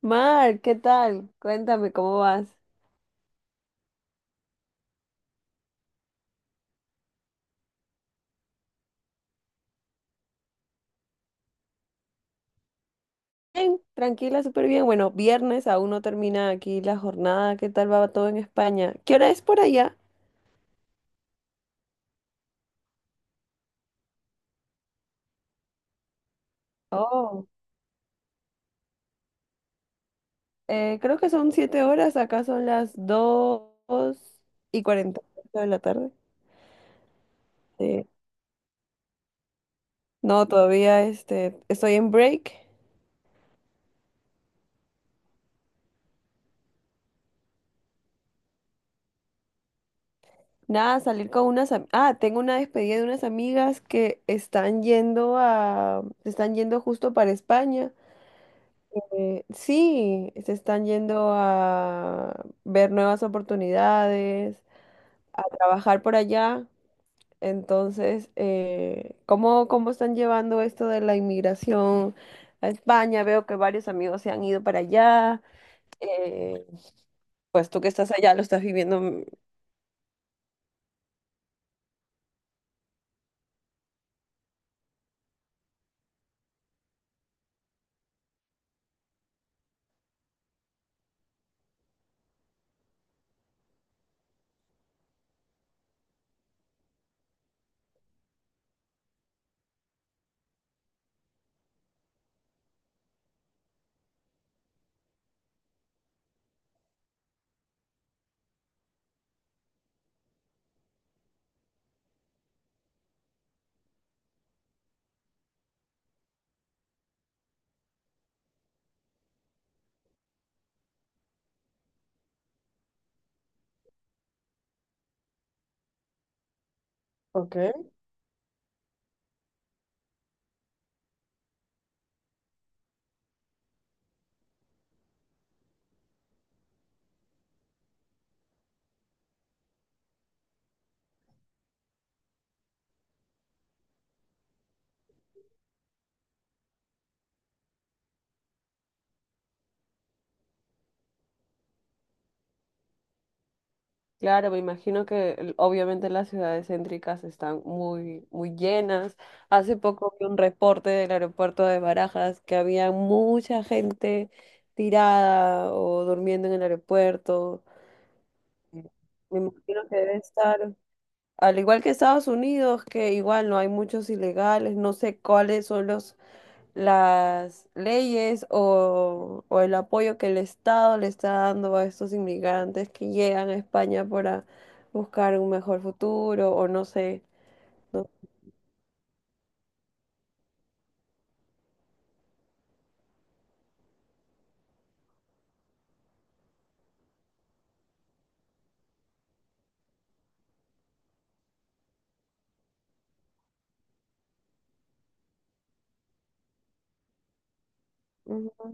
Mar, ¿qué tal? Cuéntame, ¿cómo vas? Bien, tranquila, súper bien. Bueno, viernes aún no termina aquí la jornada. ¿Qué tal va todo en España? ¿Qué hora es por allá? Oh, creo que son 7 horas. Acá son las 2:40 de la tarde. Sí. No, todavía estoy en break. Nada, salir con unas. Ah, tengo una despedida de unas amigas que están yendo a. Están yendo justo para España. Sí, se están yendo a ver nuevas oportunidades, a trabajar por allá. Entonces, ¿cómo están llevando esto de la inmigración a España? Veo que varios amigos se han ido para allá. Eh, pues tú que estás allá lo estás viviendo. Ok. Claro, me imagino que obviamente las ciudades céntricas están muy, muy llenas. Hace poco vi un reporte del aeropuerto de Barajas que había mucha gente tirada o durmiendo en el aeropuerto. Me imagino que debe estar, al igual que Estados Unidos, que igual no hay muchos ilegales, no sé cuáles son los las leyes o el apoyo que el Estado le está dando a estos inmigrantes que llegan a España para buscar un mejor futuro o no sé, ¿no? Ujú.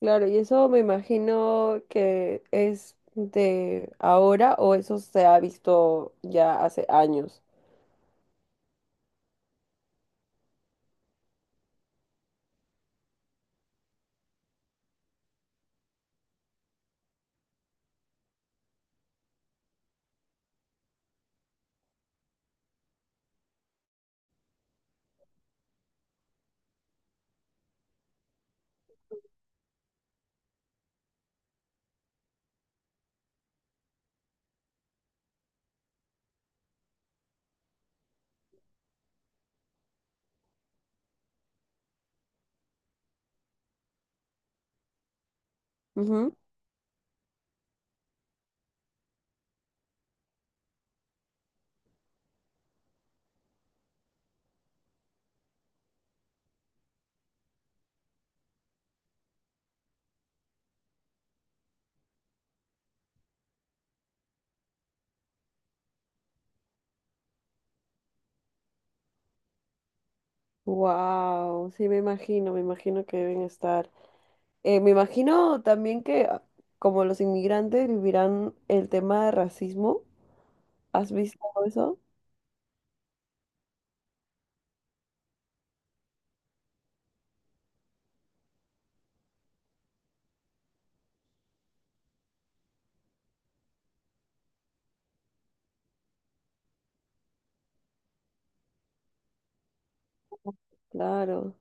Claro, y eso me imagino que es de ahora o eso se ha visto ya hace años. Wow, sí me imagino que deben estar. Me imagino también que como los inmigrantes vivirán el tema de racismo. ¿Has visto eso? Claro.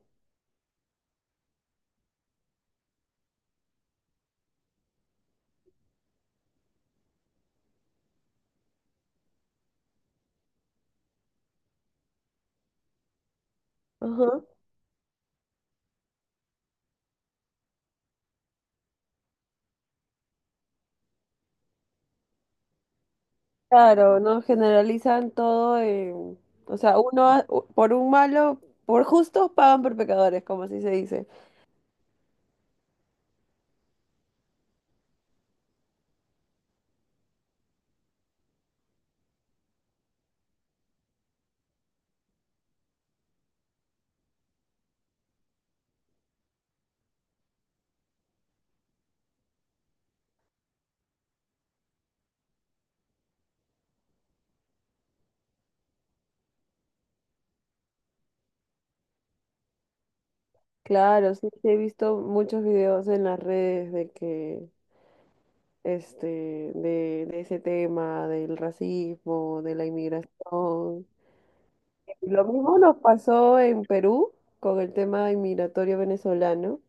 Ajá. Claro, no generalizan todo. O sea, uno, por un malo, por justos pagan por pecadores, como así se dice. Claro, sí, sí he visto muchos videos en las redes de que, este, de ese tema, del racismo, de la inmigración. Lo mismo nos pasó en Perú con el tema inmigratorio venezolano.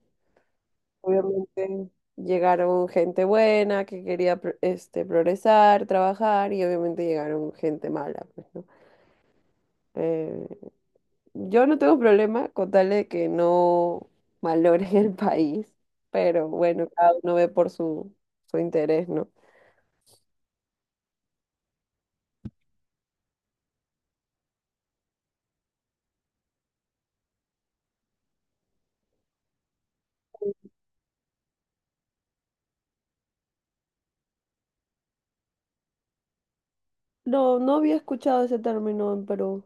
Obviamente llegaron gente buena que quería progresar, trabajar y obviamente llegaron gente mala, pues, ¿no? Eh, yo no tengo problema con tal de que no malogren el país, pero bueno, cada uno ve por su interés, ¿no? No, no había escuchado ese término en Perú.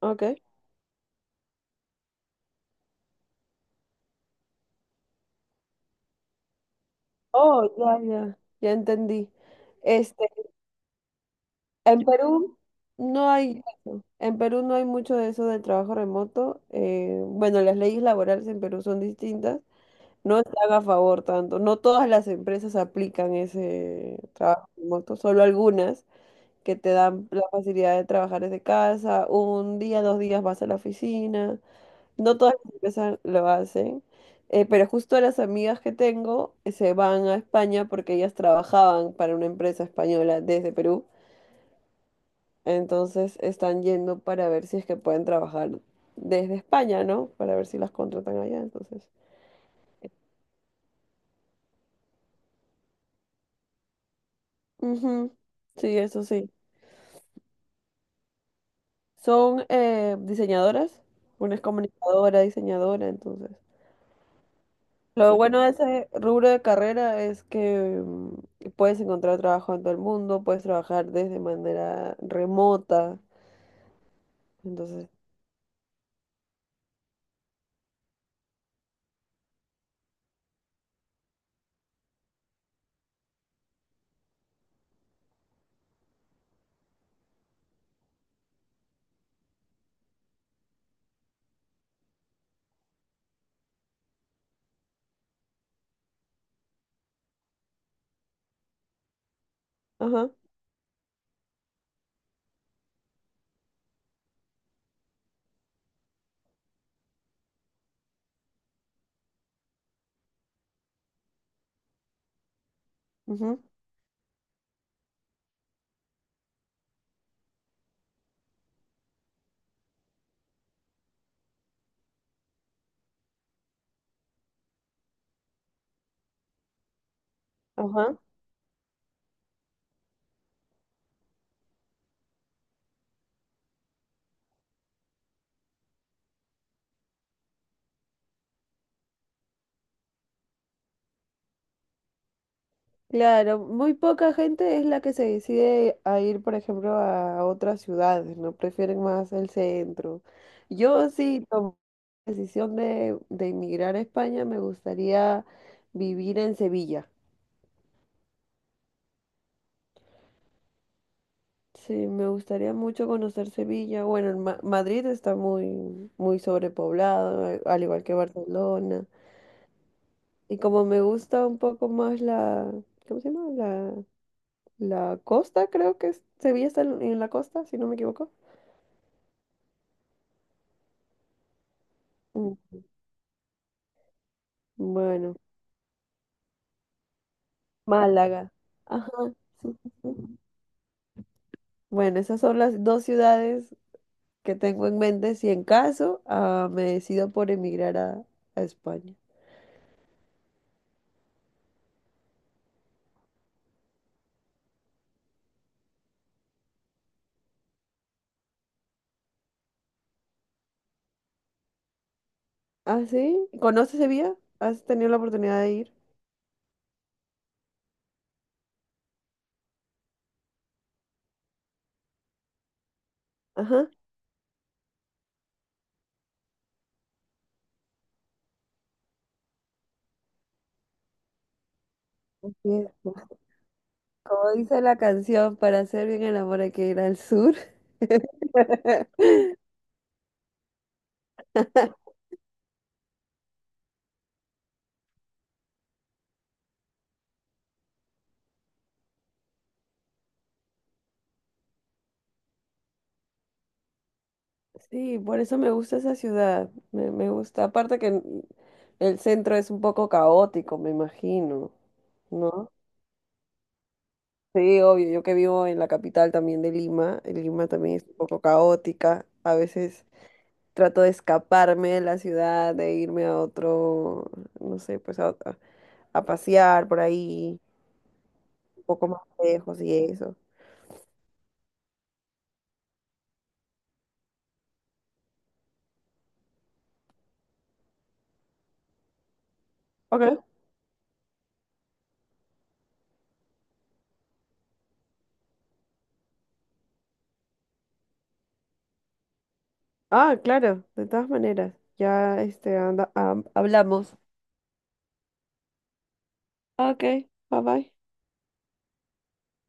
Ok. Oh, ya, ya. Ya entendí. Este, En Perú no hay eso. En Perú no hay mucho de eso del trabajo remoto. Bueno, las leyes laborales en Perú son distintas. No están a favor tanto. No todas las empresas aplican ese trabajo remoto, solo algunas que te dan la facilidad de trabajar desde casa. Un día, 2 días vas a la oficina. No todas las empresas lo hacen. Pero justo las amigas que tengo se van a España porque ellas trabajaban para una empresa española desde Perú. Entonces están yendo para ver si es que pueden trabajar desde España, ¿no? Para ver si las contratan allá, entonces. Ujú. Sí, eso sí. Son diseñadoras. Una es comunicadora, diseñadora, entonces. Lo bueno de ese rubro de carrera es que puedes encontrar trabajo en todo el mundo, puedes trabajar desde manera remota. Entonces, ajá, ujú, ajá. Claro, muy poca gente es la que se decide a ir, por ejemplo, a otras ciudades, ¿no? Prefieren más el centro. Yo sí tomé la decisión de emigrar a España, me gustaría vivir en Sevilla. Sí, me gustaría mucho conocer Sevilla. Bueno, en Madrid está muy, muy sobrepoblado, al igual que Barcelona. Y como me gusta un poco más ¿cómo se llama? La costa, creo que Sevilla está en la costa, si no me equivoco. Mm. Bueno, Málaga. Ajá. Sí, sí, sí. Bueno, esas son las dos ciudades que tengo en mente si en caso me decido por emigrar a España. ¿Ah, sí? ¿Conoces Sevilla? ¿Has tenido la oportunidad de ir? Ajá. Bien, pues, como dice la canción, para hacer bien el amor hay que ir al sur. Sí, por eso me gusta esa ciudad. Me gusta. Aparte que el centro es un poco caótico, me imagino, ¿no? Sí, obvio, yo que vivo en la capital también de Lima, en Lima también es un poco caótica, a veces trato de escaparme de la ciudad, de irme a otro, no sé, pues a pasear por ahí, un poco más lejos y eso. Ok. Ah, claro, de todas maneras, ya anda, hablamos. Ok, bye bye.